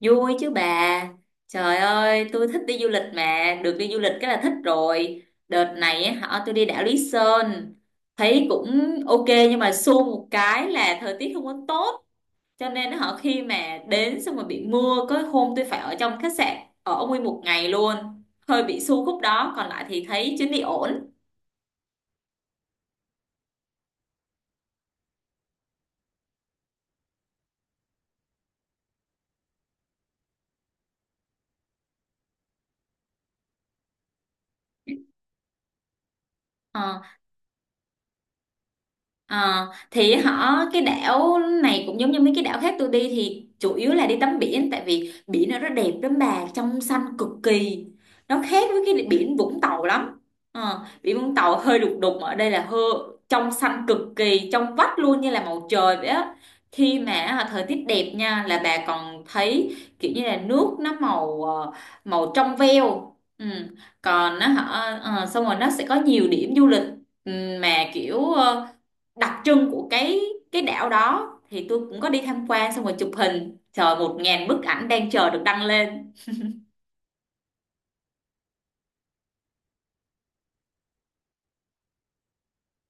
Vui chứ bà. Trời ơi, tôi thích đi du lịch mà, được đi du lịch cái là thích rồi. Đợt này á, họ tôi đi đảo Lý Sơn, thấy cũng ok nhưng mà xui một cái là thời tiết không có tốt, cho nên họ khi mà đến xong rồi bị mưa, có hôm tôi phải ở trong khách sạn ở nguyên một ngày luôn. Hơi bị xui khúc đó, còn lại thì thấy chuyến đi ổn. Ờ. Ờ, thì họ cái đảo này cũng giống như mấy cái đảo khác tôi đi thì chủ yếu là đi tắm biển, tại vì biển nó rất đẹp lắm bà, trong xanh cực kỳ, nó khác với cái biển Vũng Tàu lắm. Biển Vũng Tàu hơi đục đục, ở đây là hơi trong xanh cực kỳ, trong vắt luôn như là màu trời vậy á. Khi mà thời tiết đẹp nha là bà còn thấy kiểu như là nước nó màu màu trong veo. Ừ. Còn nó họ xong rồi nó sẽ có nhiều điểm du lịch, ừ, mà kiểu đặc trưng của cái đảo đó thì tôi cũng có đi tham quan, xong rồi chụp hình trời 1000 bức ảnh đang chờ được đăng lên.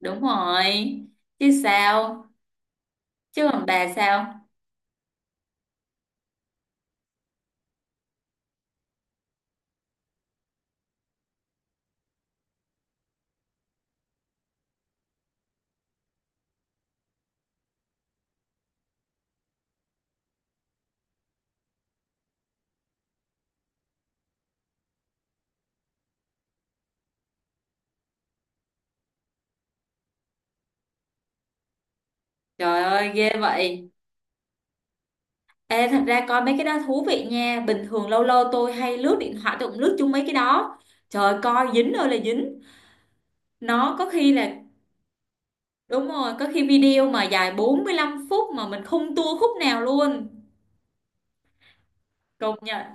Đúng rồi, chứ sao. Chứ còn bà sao? Trời ơi ghê vậy. Ê, thật ra coi mấy cái đó thú vị nha, bình thường lâu lâu tôi hay lướt điện thoại tôi cũng lướt chung mấy cái đó, trời coi dính ơi là dính, nó có khi là đúng rồi, có khi video mà dài 45 phút mà mình không tua khúc nào luôn. Công nhận.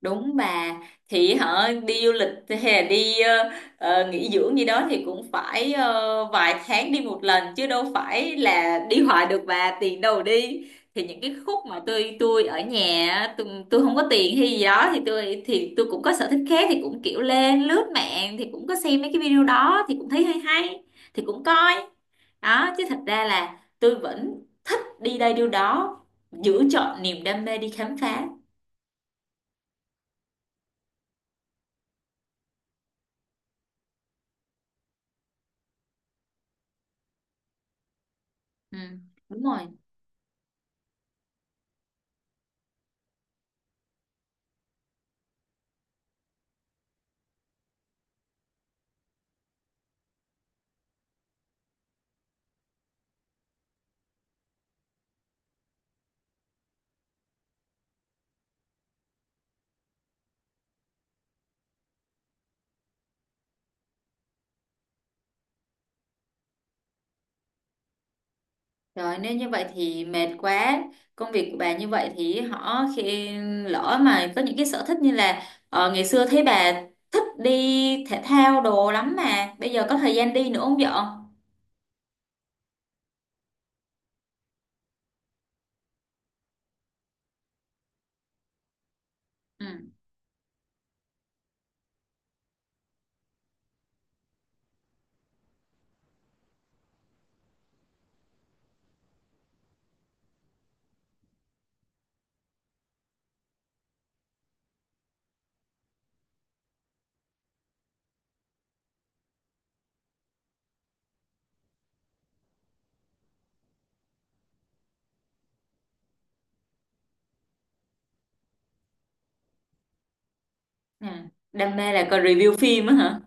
Đúng bà, thì họ đi du lịch hay là đi nghỉ dưỡng gì đó thì cũng phải vài tháng đi một lần chứ đâu phải là đi hoài được bà, tiền đâu mà đi. Thì những cái khúc mà tôi ở nhà á, tôi không có tiền hay gì đó thì tôi cũng có sở thích khác thì cũng kiểu lên lướt mạng thì cũng có xem mấy cái video đó thì cũng thấy hay hay, thì cũng coi đó, chứ thật ra là tôi vẫn thích đi đây đi đó, giữ chọn niềm đam mê đi khám phá. ừ, Đúng rồi. Rồi nếu như vậy thì mệt quá. Công việc của bà như vậy thì họ khi lỡ mà có những cái sở thích như là ngày xưa thấy bà thích đi thể thao đồ lắm mà bây giờ có thời gian đi nữa không vợ? Ừ. Ừ. Đam mê là coi review phim á hả?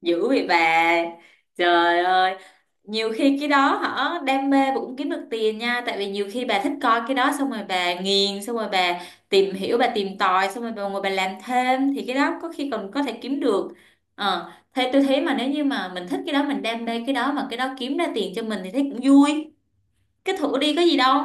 Dữ vậy bà. Trời ơi, nhiều khi cái đó hả đam mê và cũng kiếm được tiền nha, tại vì nhiều khi bà thích coi cái đó xong rồi bà nghiền, xong rồi bà tìm hiểu bà tìm tòi xong rồi bà ngồi bà làm thêm thì cái đó có khi còn có thể kiếm được. Ờ thế tôi thấy mà nếu như mà mình thích cái đó, mình đam mê cái đó mà cái đó kiếm ra tiền cho mình thì thấy cũng vui, cái thử đi có gì đâu.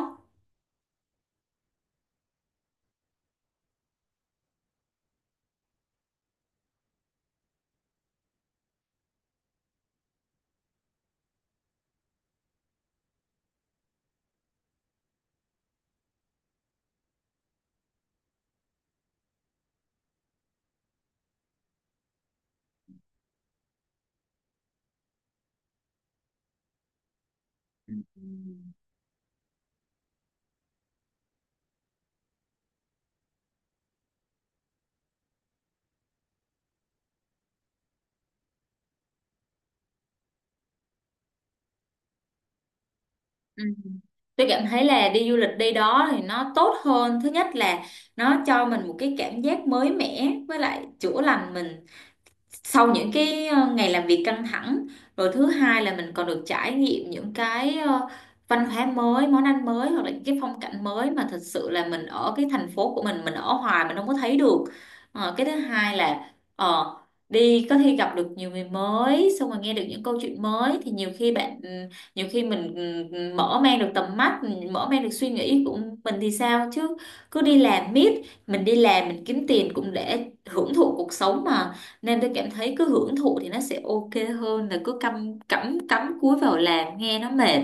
Ừ. Ừ. Tôi cảm thấy là đi du lịch đi đó thì nó tốt hơn. Thứ nhất là nó cho mình một cái cảm giác mới mẻ với lại chữa lành mình sau những cái ngày làm việc căng thẳng. Rồi thứ hai là mình còn được trải nghiệm những cái văn hóa mới, món ăn mới hoặc là những cái phong cảnh mới mà thật sự là mình ở cái thành phố của mình ở hoài mình không có thấy được. Ờ, cái thứ hai là đi có khi gặp được nhiều người mới, xong rồi nghe được những câu chuyện mới thì nhiều khi bạn nhiều khi mình mở mang được tầm mắt, mình mở mang được suy nghĩ của mình thì sao chứ cứ đi làm miết. Mình đi làm mình kiếm tiền cũng để hưởng thụ cuộc sống mà, nên tôi cảm thấy cứ hưởng thụ thì nó sẽ ok hơn là cứ cắm cắm cắm cúi vào làm nghe nó mệt.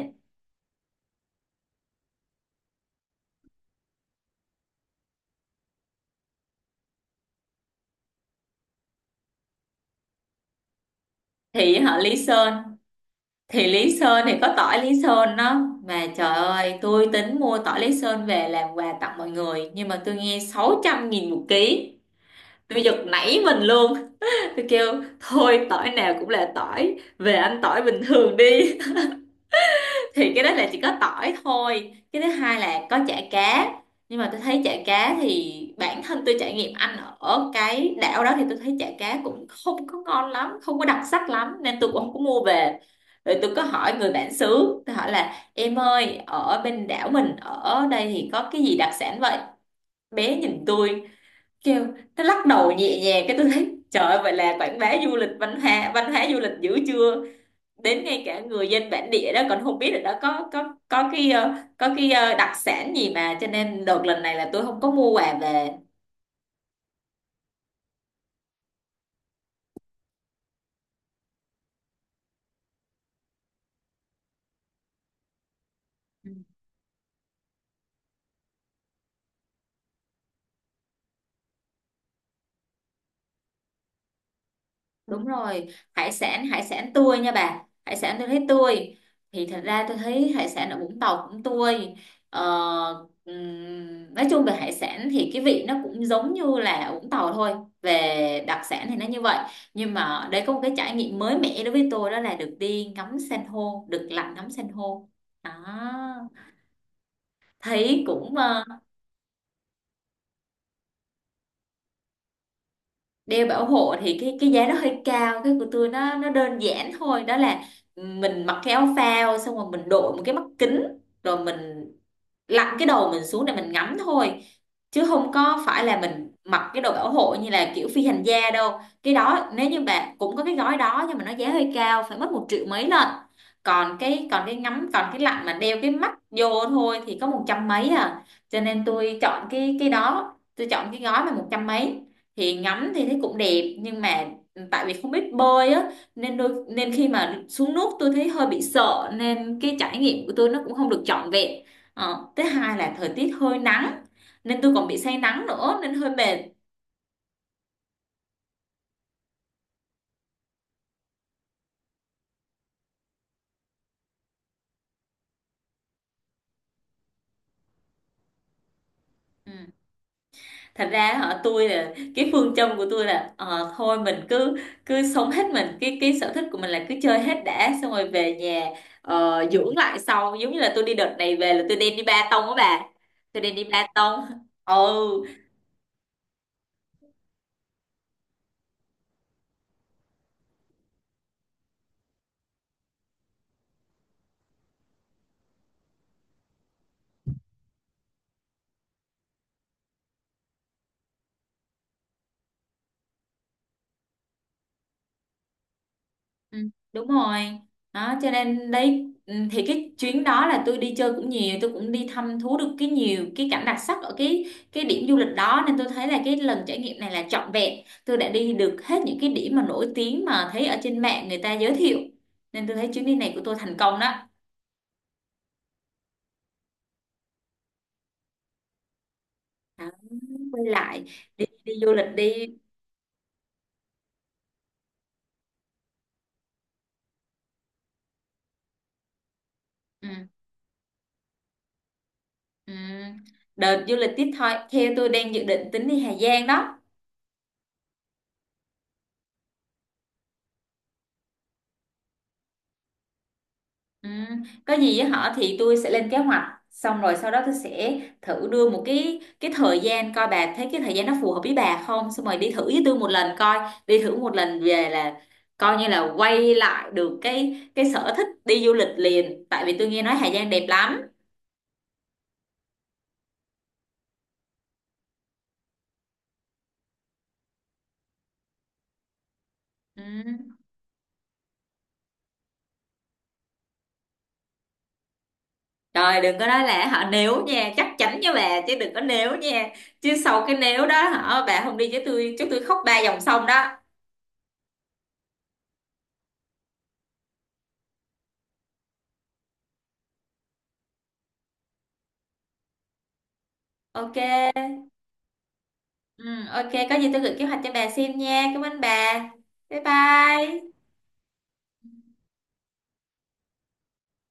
Thì họ Lý Sơn, thì Lý Sơn thì có tỏi Lý Sơn đó, mà trời ơi tôi tính mua tỏi Lý Sơn về làm quà tặng mọi người nhưng mà tôi nghe 600.000 một ký, tôi giật nảy mình luôn. Tôi kêu thôi tỏi nào cũng là tỏi, về ăn tỏi bình thường đi. Thì cái đó là chỉ có tỏi thôi, cái thứ hai là có chả cá, nhưng mà tôi thấy chả cá thì bản thân tôi trải nghiệm ăn ở cái đảo đó thì tôi thấy chả cá cũng không có ngon lắm, không có đặc sắc lắm nên tôi cũng không có mua về. Rồi tôi có hỏi người bản xứ, tôi hỏi là em ơi ở bên đảo mình ở đây thì có cái gì đặc sản vậy, bé nhìn tôi kêu, nó lắc đầu nhẹ nhàng cái tôi thấy trời ơi, vậy là quảng bá du lịch văn hóa, văn hóa du lịch dữ chưa, đến ngay cả người dân bản địa đó còn không biết là đó có cái đặc sản gì, mà cho nên đợt lần này là tôi không có mua quà về. Ừ. Đúng rồi, hải sản, hải sản tươi nha bà, hải sản tôi thấy tươi, thì thật ra tôi thấy hải sản ở Vũng Tàu cũng tươi, ờ, nói chung về hải sản thì cái vị nó cũng giống như là ở Vũng Tàu thôi, về đặc sản thì nó như vậy. Nhưng mà đây có một cái trải nghiệm mới mẻ đối với tôi đó là được đi ngắm san hô, được lặn ngắm san hô đó, thấy cũng đeo bảo hộ thì cái giá nó hơi cao, cái của tôi nó đơn giản thôi, đó là mình mặc cái áo phao, xong rồi mình đội một cái mắt kính rồi mình lặn cái đầu mình xuống để mình ngắm thôi, chứ không có phải là mình mặc cái đồ bảo hộ như là kiểu phi hành gia đâu. Cái đó nếu như bạn cũng có cái gói đó nhưng mà nó giá hơi cao, phải mất một triệu mấy lần. Còn cái còn cái ngắm, còn cái lặn mà đeo cái mắt vô thôi thì có một trăm mấy à, cho nên tôi chọn cái đó, tôi chọn cái gói mà một trăm mấy. Thì ngắm thì thấy cũng đẹp nhưng mà tại vì không biết bơi á nên đôi nên khi mà xuống nước tôi thấy hơi bị sợ nên cái trải nghiệm của tôi nó cũng không được trọn vẹn. Ờ, thứ hai là thời tiết hơi nắng nên tôi còn bị say nắng nữa nên hơi mệt. Ừ. Thật ra hả tôi là cái phương châm của tôi là thôi mình cứ cứ sống hết mình, cái sở thích của mình là cứ chơi hết đã, xong rồi về nhà dưỡng lại sau. Giống như là tôi đi đợt này về là tôi đem đi ba tông á bà, tôi đem đi ba tông. Ừ. Ừ, đúng rồi, đó cho nên đấy thì cái chuyến đó là tôi đi chơi cũng nhiều, tôi cũng đi thăm thú được cái nhiều cái cảnh đặc sắc ở cái điểm du lịch đó nên tôi thấy là cái lần trải nghiệm này là trọn vẹn, tôi đã đi được hết những cái điểm mà nổi tiếng mà thấy ở trên mạng người ta giới thiệu nên tôi thấy chuyến đi này của tôi thành công đó. Đó, quay lại, đi đi du lịch đi. Ừ, ừ. Đợt du lịch tiếp thôi theo tôi đang dự định tính đi Hà Giang đó. Ừ. Có gì với họ thì tôi sẽ lên kế hoạch, xong rồi sau đó tôi sẽ thử đưa một cái thời gian coi bà thấy cái thời gian nó phù hợp với bà không, xong rồi đi thử với tôi một lần coi. Đi thử một lần về là coi như là quay lại được cái sở thích đi du lịch liền, tại vì tôi nghe nói Hà Giang đẹp lắm. Ừ. Trời đừng có nói là họ nếu nha, chắc chắn với bà chứ đừng có nếu nha, chứ sau cái nếu đó hả bà không đi với tôi chứ tôi khóc ba dòng sông đó. Ok. Ừ, ok, có gì tôi gửi kế hoạch cho bà xem nha. Cảm ơn bà. Bye bye.